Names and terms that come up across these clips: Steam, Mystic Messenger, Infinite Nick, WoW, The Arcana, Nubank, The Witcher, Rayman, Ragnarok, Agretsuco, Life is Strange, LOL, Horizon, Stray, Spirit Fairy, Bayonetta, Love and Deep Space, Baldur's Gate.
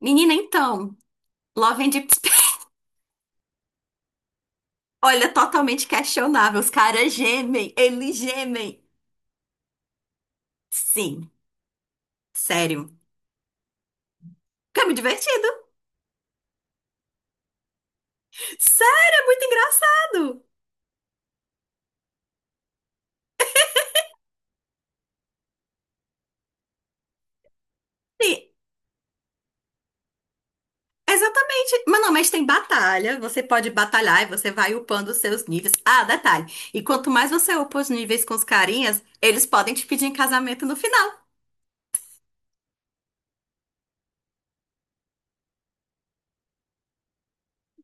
Menina, então, Love and Deep Space. Olha, totalmente questionável. Os caras gemem, eles gemem. Sim, sério. Porque é muito divertido. Sério, é muito engraçado. Sim, exatamente. Mas não, mas tem batalha. Você pode batalhar e você vai upando os seus níveis. Ah, detalhe. E quanto mais você upa os níveis com os carinhas, eles podem te pedir em casamento no final.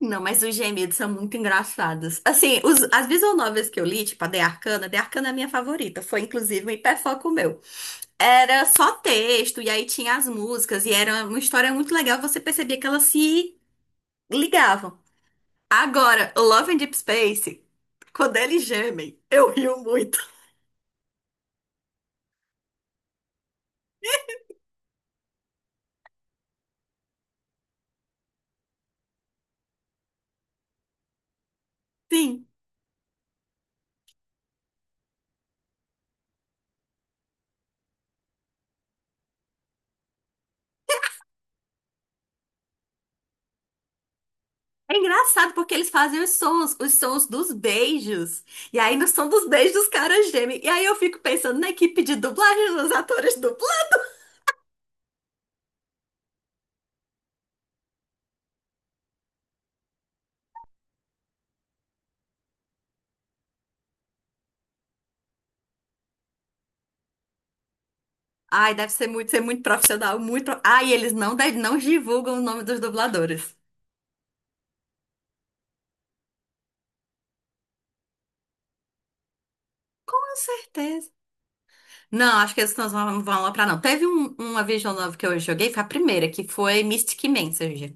Não, mas os gemidos são muito engraçados. Assim, as visual novels que eu li, tipo a The Arcana, The Arcana é a minha favorita. Foi inclusive um hiperfoco meu. Era só texto, e aí tinha as músicas, e era uma história muito legal, você percebia que elas se ligavam. Agora, Love and Deep Space, quando eles gemem, eu rio muito. Sim. É engraçado porque eles fazem os sons dos beijos. E aí, no som dos beijos, os caras gemem. E aí eu fico pensando na equipe de dublagem, nos atores dublagem. Ai, deve ser muito profissional, muito. Ai, eles não, não divulgam o nome dos dubladores. Com certeza. Não, acho que eles não vão lá pra não. Teve uma Vision Novel que eu joguei, foi a primeira, que foi Mystic Messenger.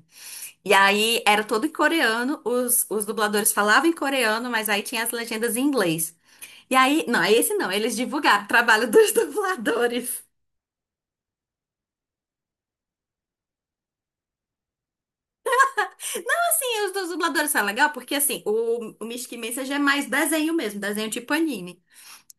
E aí era todo em coreano, os dubladores falavam em coreano, mas aí tinha as legendas em inglês. E aí, não, é esse não, eles divulgaram o trabalho dos dubladores. Assim, os dos dubladores são legal, porque assim, o Mystic Messenger é mais desenho mesmo, desenho tipo anime.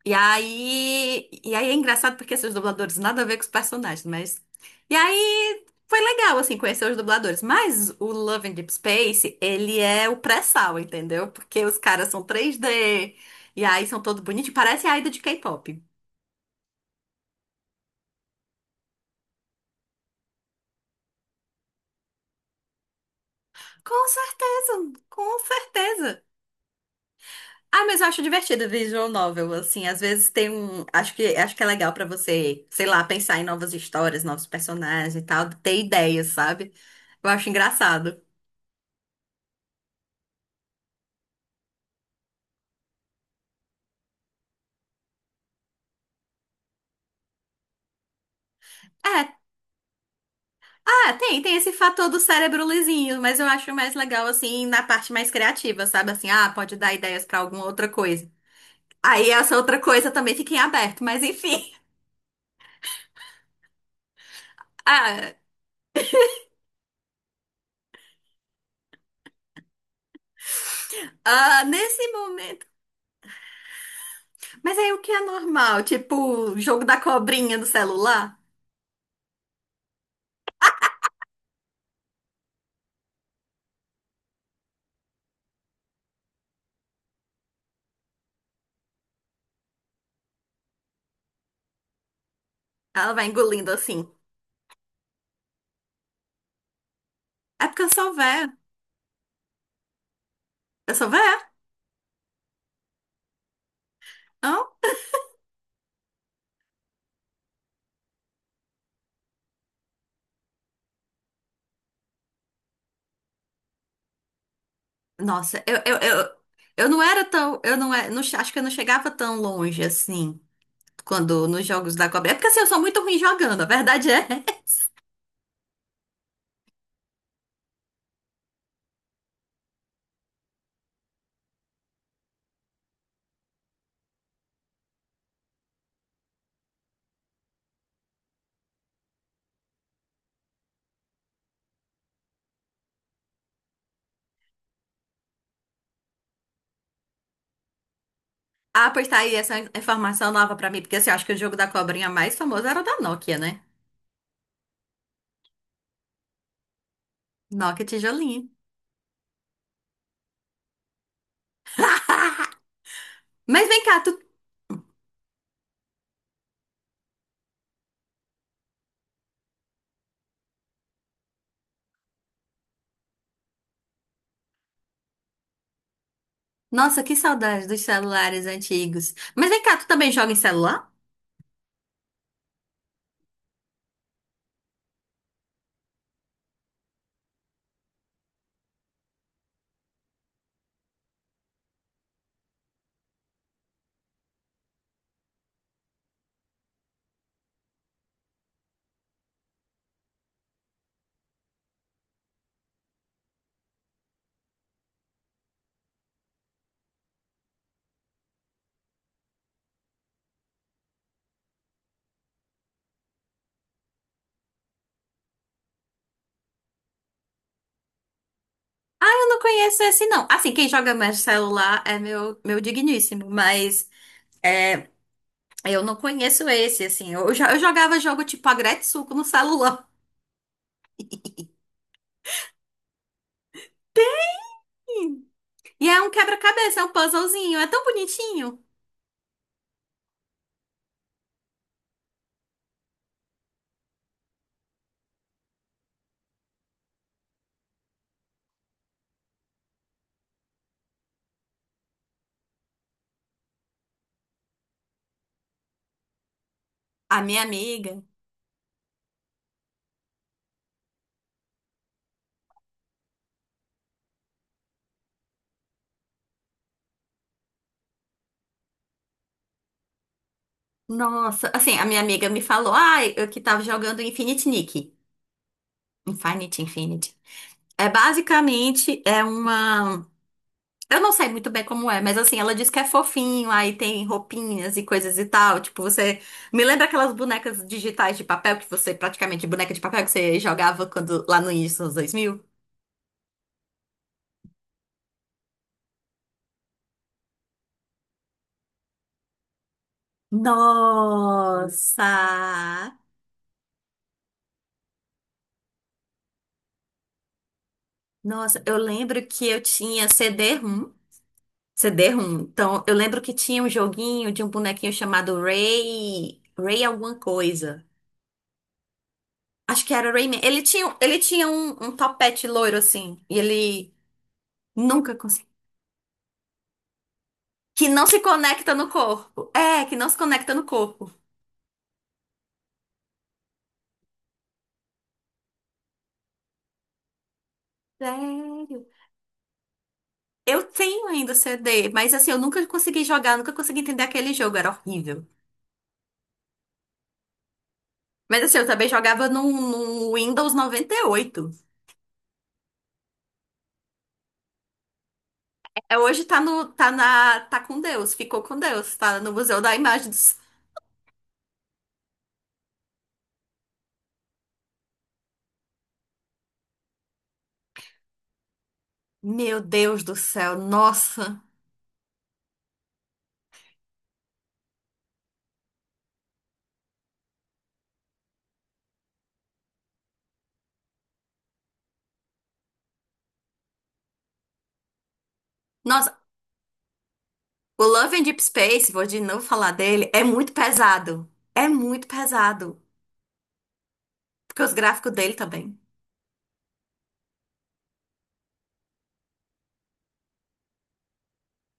E aí é engraçado porque esses dubladores nada a ver com os personagens, mas. E aí foi legal, assim, conhecer os dubladores. Mas o Love in Deep Space, ele é o pré-sal, entendeu? Porque os caras são 3D, e aí são todo bonitinho, parece a ida de K-pop. Com certeza, com certeza. Ah, mas eu acho divertido visual novel, assim, às vezes tem um, acho que é legal pra você, sei lá, pensar em novas histórias, novos personagens e tal, ter ideias, sabe? Eu acho engraçado. É, ah, tem esse fator do cérebro lisinho, mas eu acho mais legal assim na parte mais criativa, sabe? Assim, ah, pode dar ideias pra alguma outra coisa. Aí essa outra coisa também fica em aberto, mas enfim. Ah, ah, nesse momento. Mas aí o que é normal? Tipo, o jogo da cobrinha do celular? Ela vai engolindo assim. É porque eu sou véia. Eu sou véia? Hã? Nossa, eu não era tão. Eu não, não, acho que eu não chegava tão longe assim. Quando nos jogos da cobrinha. É porque assim, eu sou muito ruim jogando, a verdade é. Ah, pois tá aí essa informação nova pra mim, porque assim, eu acho que o jogo da cobrinha mais famoso era o da Nokia, né? Nokia tijolinho. Mas vem cá, tu. Nossa, que saudade dos celulares antigos. Mas vem cá, tu também joga em celular? Ah, eu não conheço esse não. Assim, quem joga mais celular é meu digníssimo, mas é, eu não conheço esse, assim. Eu, já, eu jogava jogo tipo Agretsuco no celular. Hum. E é um quebra-cabeça, é um puzzlezinho, é tão bonitinho. A minha amiga. Nossa, assim, a minha amiga me falou, ai, eu que tava jogando Infinite Nick. Infinite, Infinite. É basicamente, é uma. Eu não sei muito bem como é, mas assim, ela diz que é fofinho, aí tem roupinhas e coisas e tal. Tipo, você. Me lembra aquelas bonecas digitais de papel que você, praticamente, boneca de papel que você jogava quando lá no início dos anos 2000. Nossa! Nossa, eu lembro que eu tinha CD-ROM. CD-ROM. Então, eu lembro que tinha um joguinho de um bonequinho chamado Ray. Ray alguma coisa. Acho que era Rayman. Ele tinha um topete loiro assim. E ele nunca conseguiu. Que não se conecta no corpo. É, que não se conecta no corpo. Sério. Eu tenho ainda o CD, mas assim, eu nunca consegui jogar, nunca consegui entender aquele jogo, era horrível. Mas assim, eu também jogava no Windows 98. É, hoje tá no, tá na, tá com Deus, ficou com Deus, tá no Museu da Imagem do. Meu Deus do céu, nossa. Nossa, o Love and Deep Space, vou de novo falar dele, é muito pesado. É muito pesado. Porque os gráficos dele também.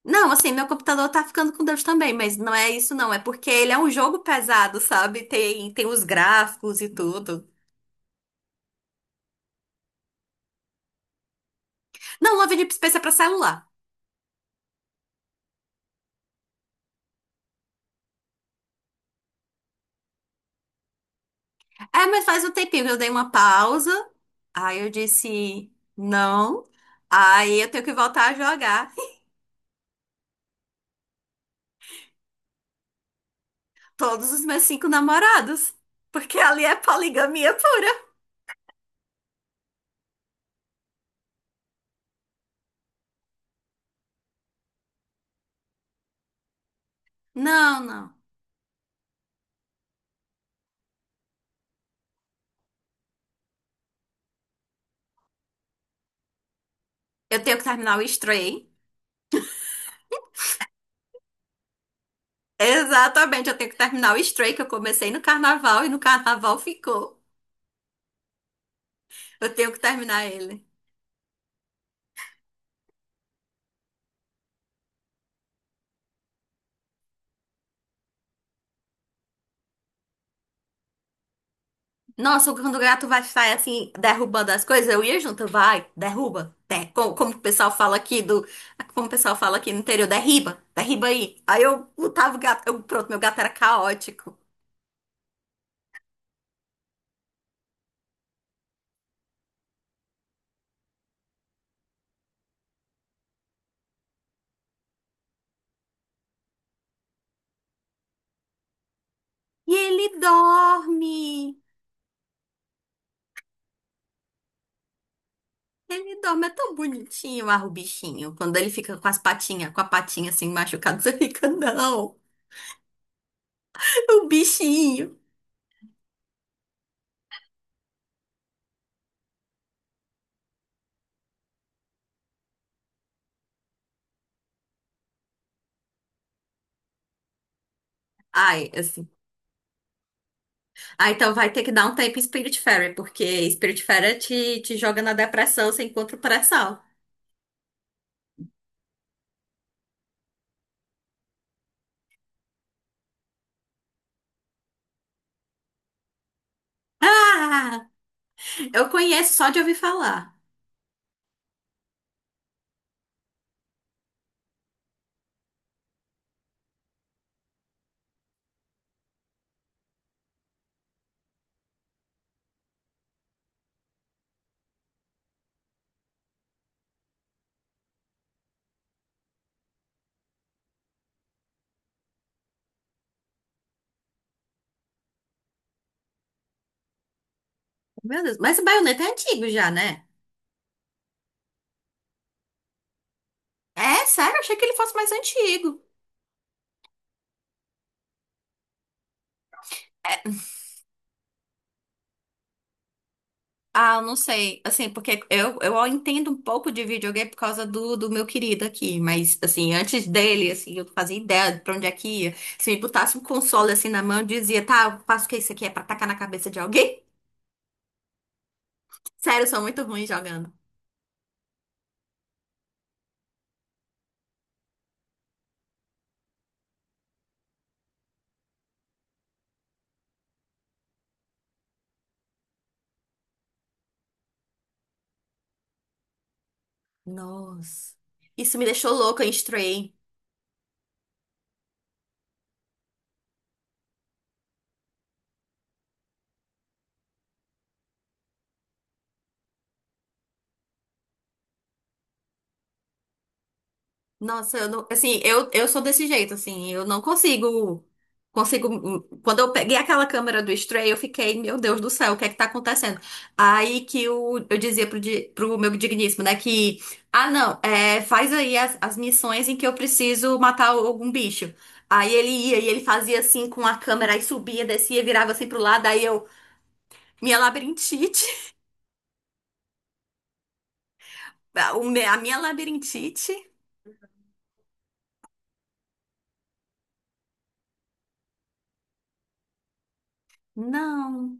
Não, assim, meu computador tá ficando com Deus também, mas não é isso não, é porque ele é um jogo pesado, sabe? Tem os gráficos e tudo. Não, Love and Deep Space é pra celular. É, mas faz um tempinho que eu dei uma pausa, aí eu disse não, aí eu tenho que voltar a jogar. Todos os meus cinco namorados. Porque ali é poligamia pura. Não, não. Eu tenho que terminar o Stray. Exatamente, eu tenho que terminar o Stray, que eu comecei no carnaval e no carnaval ficou. Eu tenho que terminar ele. Nossa, quando o gato vai sair assim, derrubando as coisas, eu ia junto, vai, derruba. Como o pessoal fala aqui do. Como o pessoal fala aqui no interior, derriba, derriba aí. Aí eu botava o gato, eu, pronto, meu gato era caótico. E ele dorme. Ele dorme, é tão bonitinho, ah, o bichinho. Quando ele fica com as patinhas, com a patinha assim machucada, você fica, não, o bichinho. Ai, assim. Ah, então vai ter que dar um tempo em Spirit Fairy, porque Spirit Fairy te, joga na depressão, você encontra o pré-sal. Ah, eu conheço só de ouvir falar. Meu Deus, mas o Bayonetta é antigo já, né? É, sério, achei que ele fosse mais antigo. Ah, eu não sei. Assim, porque eu entendo um pouco de videogame por causa do meu querido aqui. Mas, assim, antes dele, assim, eu não fazia ideia de pra onde é que ia. Se me botasse um console assim na mão, eu dizia, tá, eu faço o que isso aqui é pra tacar na cabeça de alguém? Sério, eu sou muito ruim jogando. Nossa. Isso me deixou louca em Stray. Nossa, eu não, assim, eu sou desse jeito, assim, eu não consigo, quando eu peguei aquela câmera do Stray, eu fiquei, meu Deus do céu, o que é que tá acontecendo? Aí que o, eu dizia pro, pro meu digníssimo, né, que, ah, não, é, faz aí as missões em que eu preciso matar algum bicho. Aí ele ia e ele fazia assim com a câmera, aí subia, descia, virava assim pro lado, aí eu, minha labirintite, a minha labirintite, não.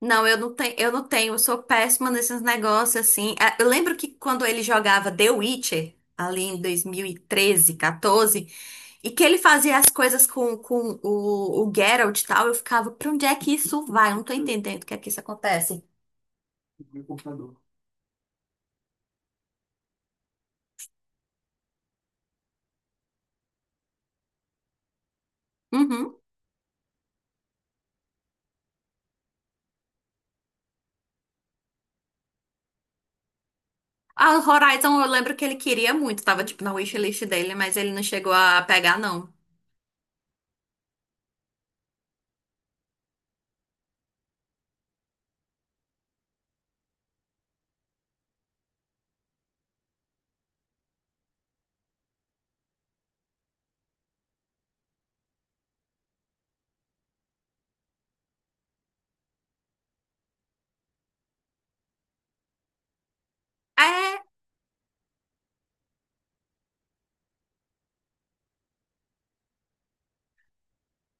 Não, eu não tenho, eu sou péssima nesses negócios assim. Ah, eu lembro que quando ele jogava The Witcher, ali em 2013, 14, e treze, quatorze, e que ele fazia as coisas com o Geralt e tal, eu ficava, pra onde é que isso vai? Eu não tô entendendo o que é que isso acontece. Uhum. A Horizon, eu lembro que ele queria muito, tava tipo na wishlist dele, mas ele não chegou a pegar, não. É,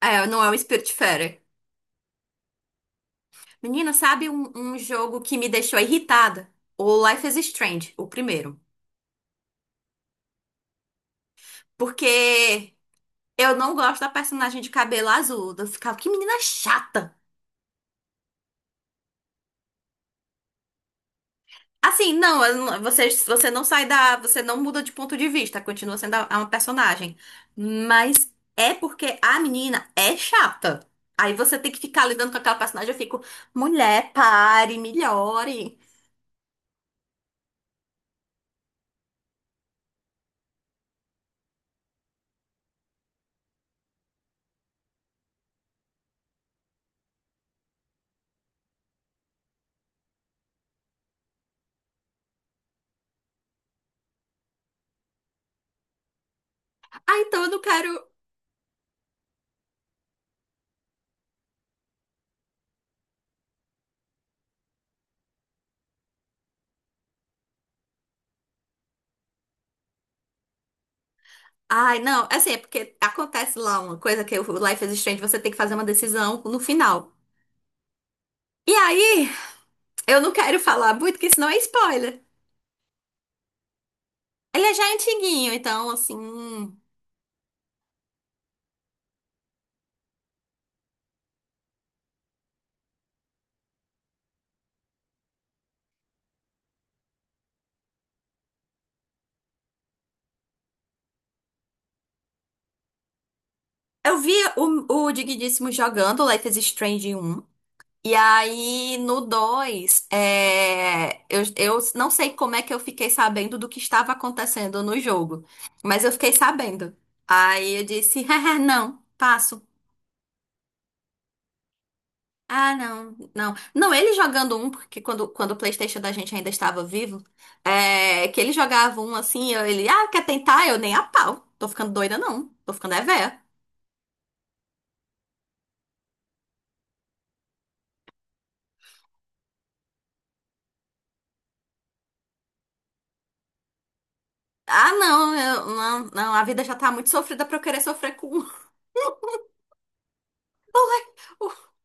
é, não é o Spiritfarer. Menina, sabe um jogo que me deixou irritada? O Life is Strange, o primeiro. Porque eu não gosto da personagem de cabelo azul. Eu ficava, que menina chata. Assim, não, eu não- você não sai da. Você não muda de ponto de vista, continua sendo uma personagem. Mas é porque a menina é chata. Aí você tem que ficar lidando com aquela personagem. Eu fico, mulher, pare, melhore. Ah, então eu não quero. Ai, não, assim, é porque acontece lá uma coisa que o Life is Strange, você tem que fazer uma decisão no final. E aí, eu não quero falar muito, porque senão é spoiler. Ele é já antiguinho, então, assim. Eu vi o Digníssimo jogando Life is Strange um. E aí, no 2 é, eu não sei como é que eu fiquei sabendo do que estava acontecendo no jogo, mas eu fiquei sabendo. Aí eu disse: ah, não, passo. Ah, não, não. Não, ele jogando um, porque quando o PlayStation da gente ainda estava vivo, é, que ele jogava um assim, eu, ele, ah, quer tentar? Eu nem a pau. Tô ficando doida, não. Tô ficando é véia. Ah, não, não, não, a vida já tá muito sofrida pra eu querer sofrer com. Um.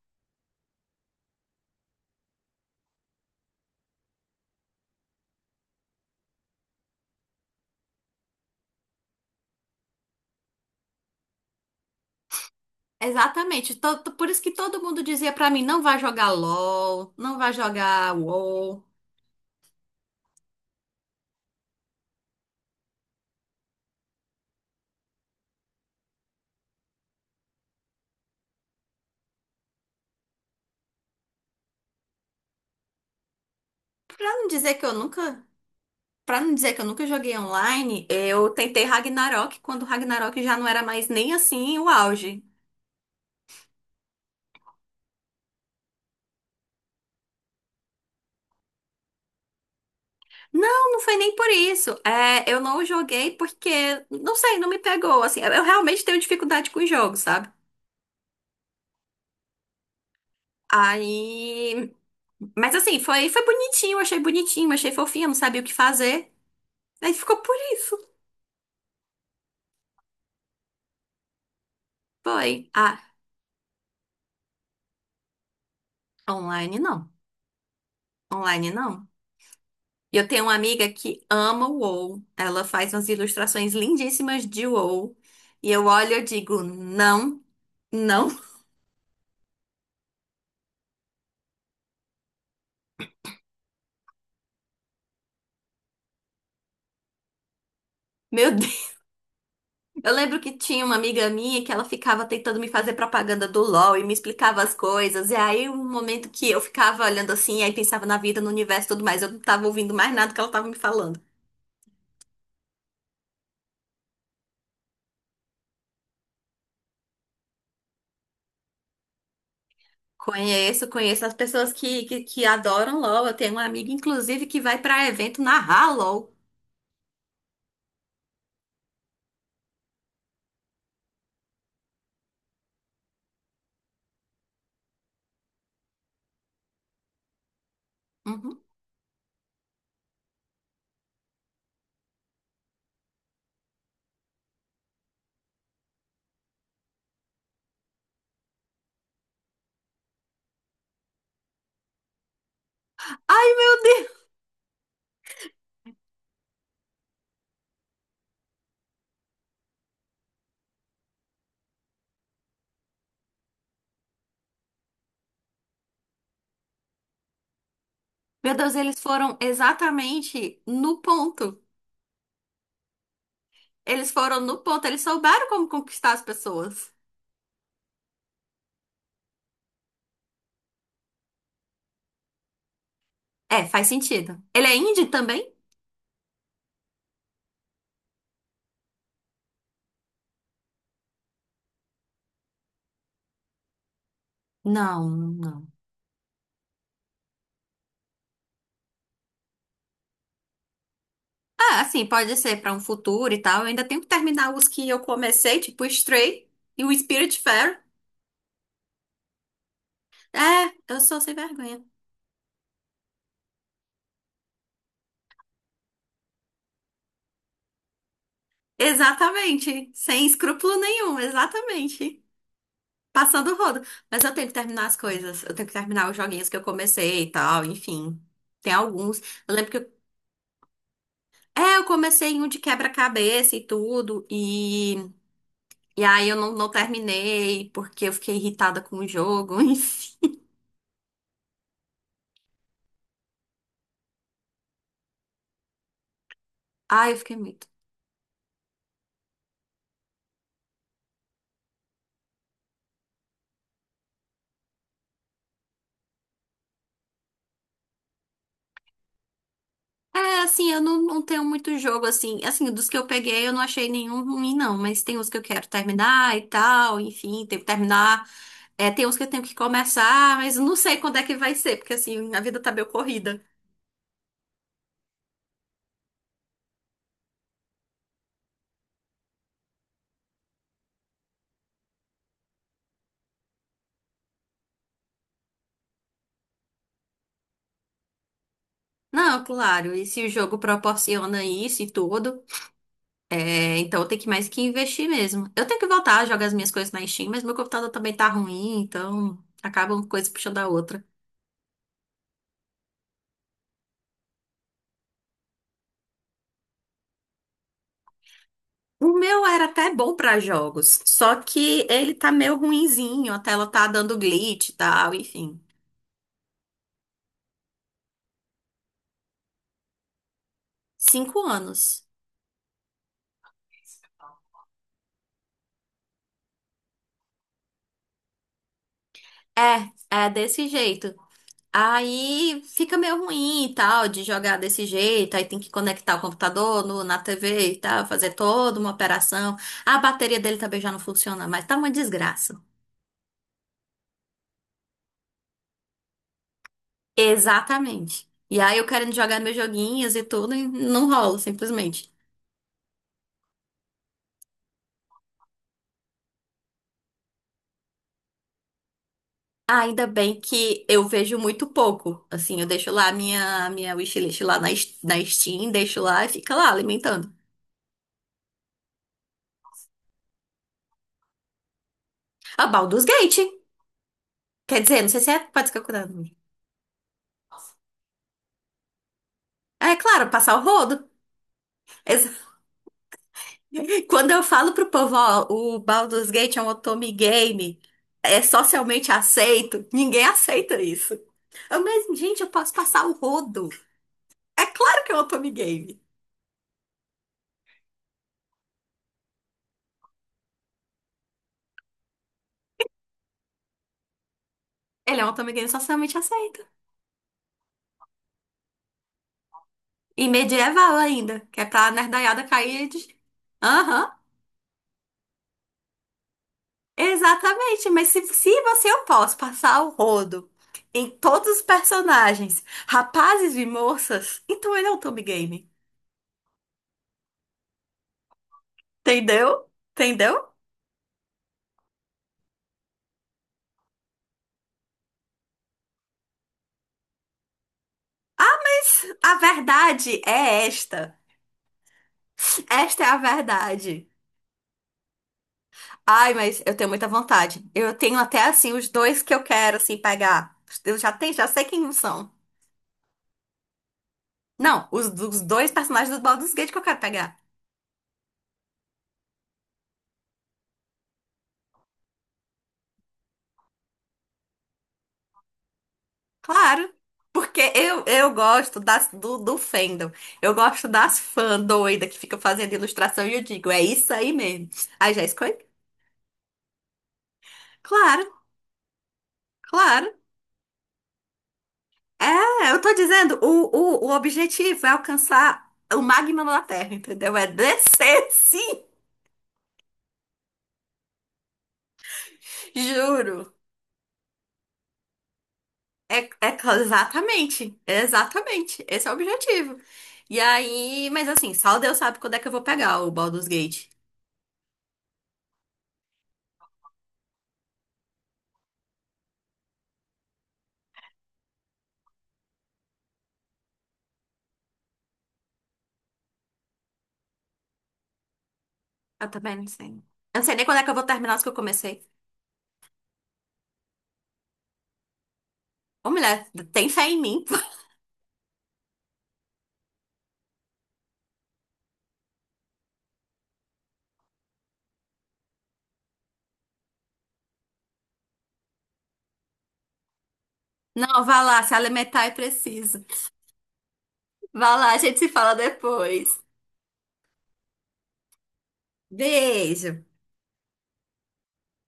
Exatamente, por isso que todo mundo dizia pra mim, não vai jogar LOL, não vai jogar WoW. Pra não dizer que eu nunca, para não dizer que eu nunca joguei online, eu tentei Ragnarok quando Ragnarok já não era mais nem assim o auge. Não, não foi nem por isso. É, eu não joguei porque, não sei, não me pegou, assim. Eu realmente tenho dificuldade com jogos, sabe? Aí, mas assim, foi, bonitinho, achei fofinho, não sabia o que fazer. Aí ficou por isso. Foi. Ah, online não. Online não. E eu tenho uma amiga que ama o WoW. Ela faz umas ilustrações lindíssimas de WoW. E eu olho e eu digo, não, não. Meu Deus. Eu lembro que tinha uma amiga minha que ela ficava tentando me fazer propaganda do LoL e me explicava as coisas. E aí, um momento que eu ficava olhando assim, aí pensava na vida, no universo e tudo mais, eu não tava ouvindo mais nada que ela tava me falando. Conheço, conheço as pessoas que adoram LOL. Eu tenho uma amiga, inclusive, que vai pra evento narrar LOL. Uhum. Ai, meu Deus! Meu Deus, eles foram exatamente no ponto. Eles foram no ponto, eles souberam como conquistar as pessoas. É, faz sentido. Ele é indie também? Não, não. Ah, assim, pode ser pra um futuro e tal. Eu ainda tenho que terminar os que eu comecei, tipo Stray e o Spiritfarer. É, eu sou sem vergonha. Exatamente, sem escrúpulo nenhum, exatamente. Passando o rodo. Mas eu tenho que terminar as coisas. Eu tenho que terminar os joguinhos que eu comecei e tal, enfim. Tem alguns. Eu lembro que eu... É, eu comecei em um de quebra-cabeça e tudo. E aí eu não terminei, porque eu fiquei irritada com o jogo. Enfim. Ai, eu fiquei muito... É, assim, eu não tenho muito jogo, assim. Assim, dos que eu peguei, eu não achei nenhum ruim, não. Mas tem uns que eu quero terminar e tal, enfim. Tenho que terminar. É, tem uns que eu tenho que começar, mas eu não sei quando é que vai ser. Porque, assim, a vida tá meio corrida. Não, claro, e se o jogo proporciona isso e tudo, é, então tem que mais que investir mesmo. Eu tenho que voltar a jogar as minhas coisas na Steam, mas meu computador também tá ruim, então acaba uma coisa puxando a outra. O meu era até bom pra jogos, só que ele tá meio ruinzinho, a tela tá dando glitch e tal, enfim. 5 anos. É, é desse jeito. Aí fica meio ruim e tal de jogar desse jeito, aí tem que conectar o computador na TV e tal, fazer toda uma operação. A bateria dele também já não funciona mais, tá uma desgraça. Exatamente. E aí eu querendo jogar meus joguinhos e tudo, e não rola, simplesmente. Ainda bem que eu vejo muito pouco. Assim, eu deixo lá a minha wishlist lá na, na Steam, deixo lá e fica lá alimentando. A Baldur's Gate. Quer dizer, não sei se é. Pode ser que eu. É claro, passar o rodo. Quando eu falo pro povo, ó, o Baldur's Gate é um otome game, é socialmente aceito, ninguém aceita isso. Eu, mas, gente, eu posso passar o rodo. É claro que é um otome game. Ele é um otome game socialmente aceito. E medieval ainda, que é pra nerdaiada cair de... Aham, exatamente. Mas se você eu posso passar o rodo em todos os personagens, rapazes e moças, então ele é um otome game. Entendeu? Entendeu? A verdade é esta. Esta é a verdade. Ai, mas eu tenho muita vontade. Eu tenho até assim os dois que eu quero assim pegar. Eu já tenho, já sei quem são. Não, os, dos dois personagens do Baldur's Gate que eu quero pegar. Claro, porque eu gosto das do fandom. Eu gosto das fãs doida que ficam fazendo ilustração e eu digo, é isso aí mesmo. Aí já escolhi? Claro, claro. É, eu tô dizendo, o objetivo é alcançar o magma da Terra, entendeu? É descer, sim, juro. É, exatamente, exatamente. Esse é o objetivo. E aí, mas assim, só Deus sabe quando é que eu vou pegar o Baldur's Gate. Eu também não sei. Eu não sei nem quando é que eu vou terminar os que eu comecei. Ô, mulher, tem fé em mim. Não, vá lá, se alimentar é preciso. Vá lá, a gente se fala depois. Beijo.